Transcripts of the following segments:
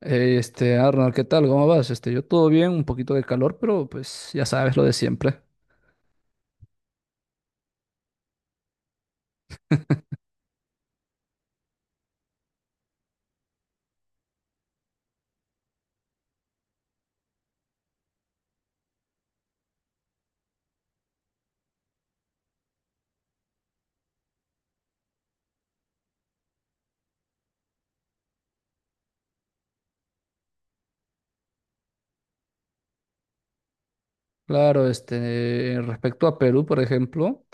Hey, Arnold, ¿qué tal? ¿Cómo vas? Yo todo bien, un poquito de calor, pero pues ya sabes lo de siempre. Claro, respecto a Perú, por ejemplo,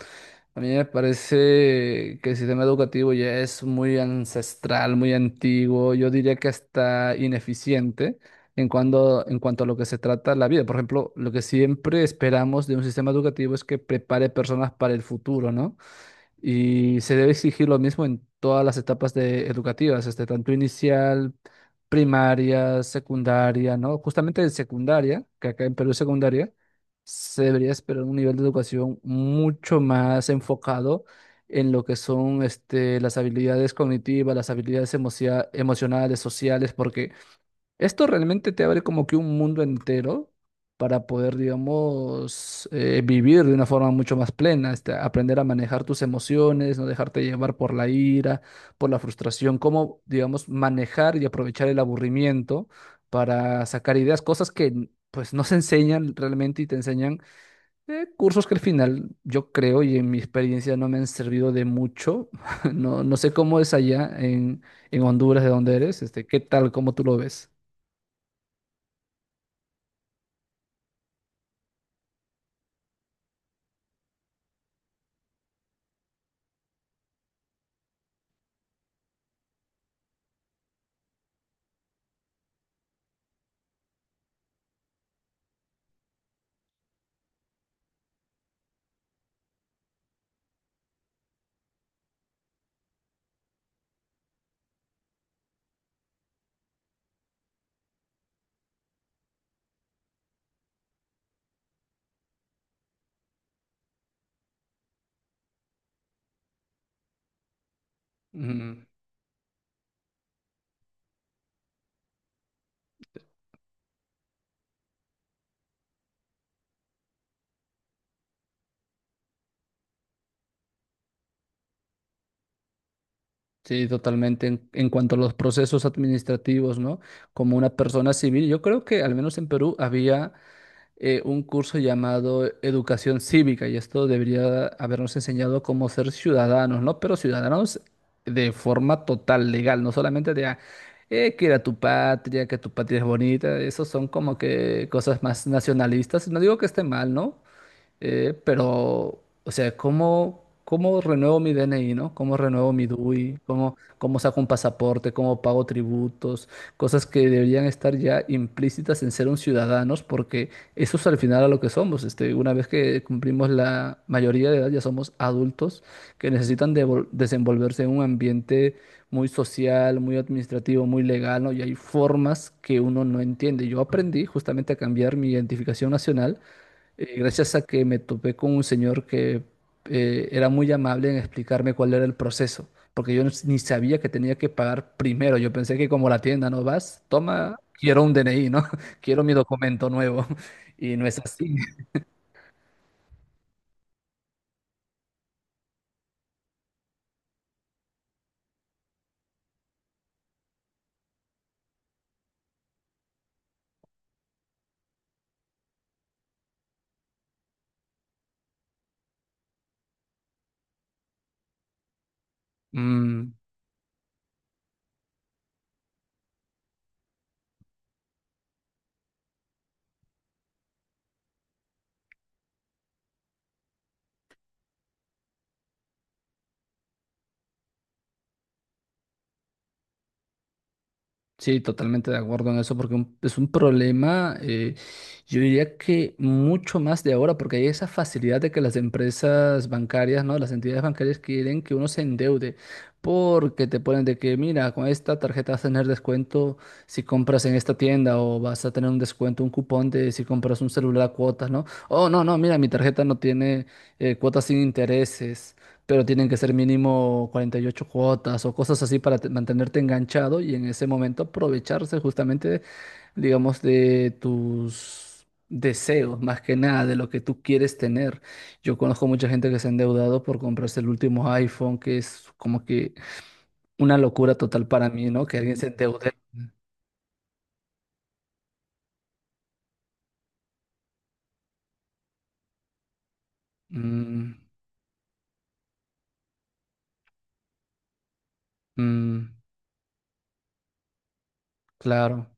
a mí me parece que el sistema educativo ya es muy ancestral, muy antiguo, yo diría que hasta ineficiente en cuanto a lo que se trata la vida. Por ejemplo, lo que siempre esperamos de un sistema educativo es que prepare personas para el futuro, ¿no? Y se debe exigir lo mismo en todas las etapas educativas, este, tanto inicial, primaria, secundaria, ¿no? Justamente en secundaria, que acá en Perú es secundaria, se debería esperar un nivel de educación mucho más enfocado en lo que son este, las habilidades cognitivas, las habilidades emocionales, sociales, porque esto realmente te abre como que un mundo entero para poder, digamos, vivir de una forma mucho más plena, este, aprender a manejar tus emociones, no dejarte llevar por la ira, por la frustración, cómo, digamos, manejar y aprovechar el aburrimiento para sacar ideas, cosas que pues no se enseñan realmente y te enseñan cursos que al final yo creo y en mi experiencia no me han servido de mucho. No, no sé cómo es allá en Honduras, de donde eres, este, ¿qué tal, cómo tú lo ves? Ujú. Sí, totalmente. En cuanto a los procesos administrativos, ¿no? Como una persona civil, yo creo que al menos en Perú había un curso llamado Educación Cívica y esto debería habernos enseñado cómo ser ciudadanos, ¿no? Pero ciudadanos de forma total, legal, no solamente de, que era tu patria, que tu patria es bonita, esos son como que cosas más nacionalistas. No digo que esté mal, ¿no? Pero, o sea, ¿cómo, cómo renuevo mi DNI, ¿no? ¿Cómo renuevo mi DUI? ¿Cómo, cómo saco un pasaporte? ¿Cómo pago tributos? Cosas que deberían estar ya implícitas en ser un ciudadanos, porque eso es al final a lo que somos. Este, una vez que cumplimos la mayoría de edad, ya somos adultos que necesitan desenvolverse en un ambiente muy social, muy administrativo, muy legal, ¿no? Y hay formas que uno no entiende. Yo aprendí justamente a cambiar mi identificación nacional gracias a que me topé con un señor que era muy amable en explicarme cuál era el proceso, porque yo no- ni sabía que tenía que pagar primero. Yo pensé que como la tienda no vas, toma, quiero un DNI, ¿no? Quiero mi documento nuevo. Y no es así. Mm. Sí, totalmente de acuerdo en eso, porque es un problema, yo diría que mucho más de ahora, porque hay esa facilidad de que las empresas bancarias, ¿no? Las entidades bancarias quieren que uno se endeude, porque te ponen de que, mira, con esta tarjeta vas a tener descuento si compras en esta tienda, o vas a tener un descuento, un cupón de si compras un celular a cuotas, ¿no? Oh, no, no, mira, mi tarjeta no tiene cuotas sin intereses, pero tienen que ser mínimo 48 cuotas o cosas así para mantenerte enganchado y en ese momento aprovecharse justamente, digamos, de tus deseos, más que nada, de lo que tú quieres tener. Yo conozco mucha gente que se ha endeudado por comprarse el último iPhone, que es como que una locura total para mí, ¿no? Que alguien se endeude. Mm, mm, claro.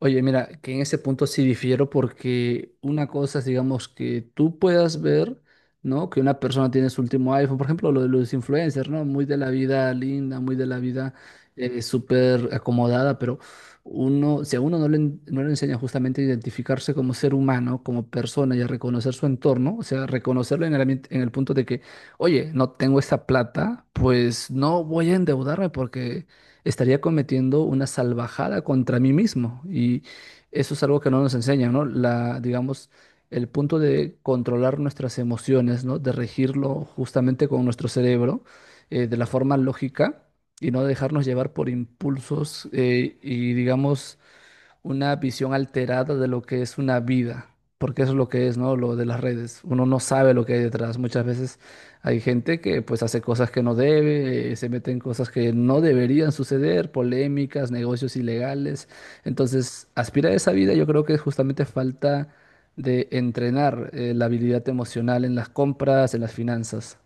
Oye, mira, que en ese punto sí difiero porque una cosa es, digamos, que tú puedas ver, ¿no? Que una persona tiene su último iPhone, por ejemplo, lo de los influencers, ¿no? Muy de la vida linda, muy de la vida súper acomodada, pero uno, si a uno no le, no le enseña justamente a identificarse como ser humano, como persona y a reconocer su entorno, o sea, reconocerlo en el, en el punto de que, oye, no tengo esa plata, pues no voy a endeudarme porque estaría cometiendo una salvajada contra mí mismo. Y eso es algo que no nos enseñan, ¿no? La, digamos, el punto de controlar nuestras emociones, ¿no? De regirlo justamente con nuestro cerebro, de la forma lógica y no dejarnos llevar por impulsos y, digamos, una visión alterada de lo que es una vida, porque eso es lo que es, ¿no? Lo de las redes. Uno no sabe lo que hay detrás. Muchas veces hay gente que pues hace cosas que no debe, se mete en cosas que no deberían suceder, polémicas, negocios ilegales. Entonces, aspirar a esa vida yo creo que justamente falta de entrenar la habilidad emocional en las compras, en las finanzas.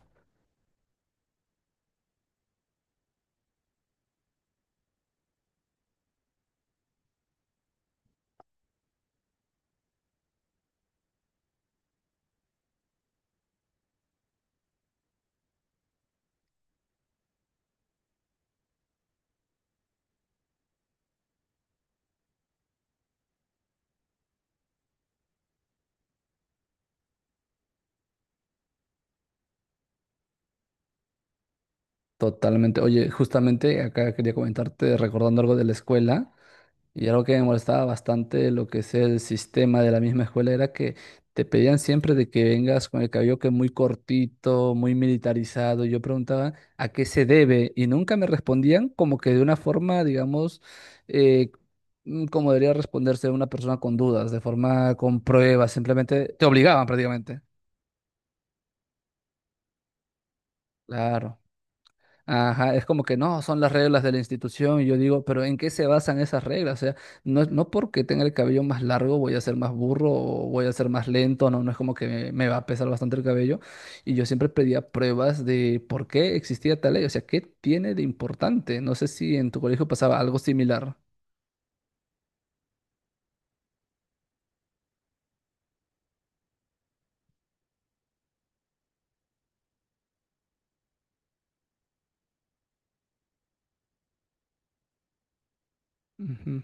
Totalmente. Oye, justamente acá quería comentarte, recordando algo de la escuela. Y algo que me molestaba bastante de lo que es el sistema de la misma escuela era que te pedían siempre de que vengas con el cabello que muy cortito, muy militarizado. Y yo preguntaba a qué se debe y nunca me respondían como que de una forma, digamos, eh, como debería responderse una persona con dudas, de forma con pruebas, simplemente te obligaban prácticamente. Claro. Ajá, es como que no, son las reglas de la institución. Y yo digo, pero ¿en qué se basan esas reglas? O sea, no, no porque tenga el cabello más largo voy a ser más burro o voy a ser más lento, no, no es como que me va a pesar bastante el cabello. Y yo siempre pedía pruebas de por qué existía tal ley, o sea, ¿qué tiene de importante? No sé si en tu colegio pasaba algo similar. Ujú.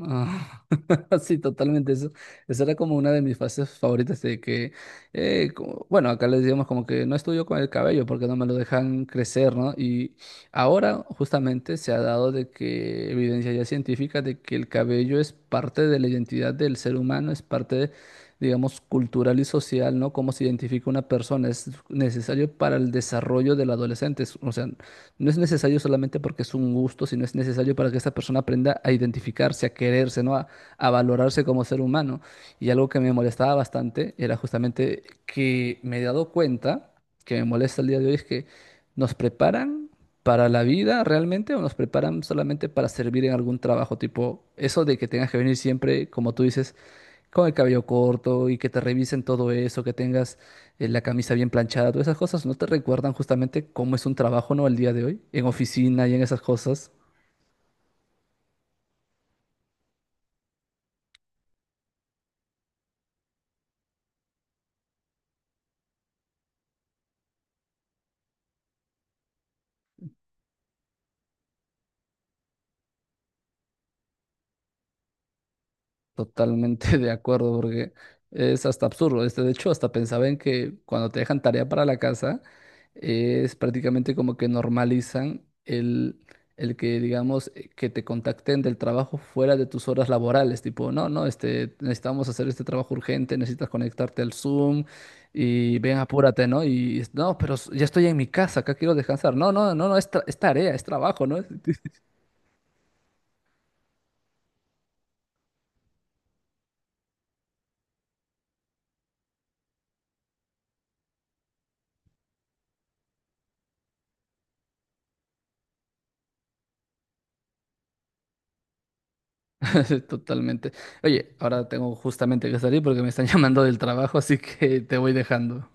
Ah. Sí, totalmente. Eso era como una de mis fases favoritas de que, bueno, acá les decíamos como que no estudio con el cabello porque no me lo dejan crecer, ¿no? Y ahora justamente se ha dado de que evidencia ya científica de que el cabello es parte de la identidad del ser humano, es parte, de, digamos, cultural y social, ¿no? Cómo se identifica una persona, es necesario para el desarrollo del adolescente. O sea, no es necesario solamente porque es un gusto, sino es necesario para que esta persona aprenda a identificarse, a quererse, ¿no? A valorarse como ser humano. Y algo que me molestaba bastante era justamente que me he dado cuenta, que me molesta el día de hoy, es que nos preparan para la vida realmente o nos preparan solamente para servir en algún trabajo, tipo eso de que tengas que venir siempre, como tú dices, con el cabello corto y que te revisen todo eso, que tengas la camisa bien planchada, todas esas cosas no te recuerdan justamente cómo es un trabajo, ¿no? El día de hoy, en oficina y en esas cosas. Totalmente de acuerdo, porque es hasta absurdo. Este, de hecho, hasta pensaba en que cuando te dejan tarea para la casa, es prácticamente como que normalizan el que, digamos, que te contacten del trabajo fuera de tus horas laborales. Tipo, no, no, este, necesitamos hacer este trabajo urgente, necesitas conectarte al Zoom y ven, apúrate, ¿no? Y no, pero ya estoy en mi casa, acá quiero descansar. No, no, no, no, es, es tarea, es trabajo, ¿no? Totalmente. Oye, ahora tengo justamente que salir porque me están llamando del trabajo, así que te voy dejando.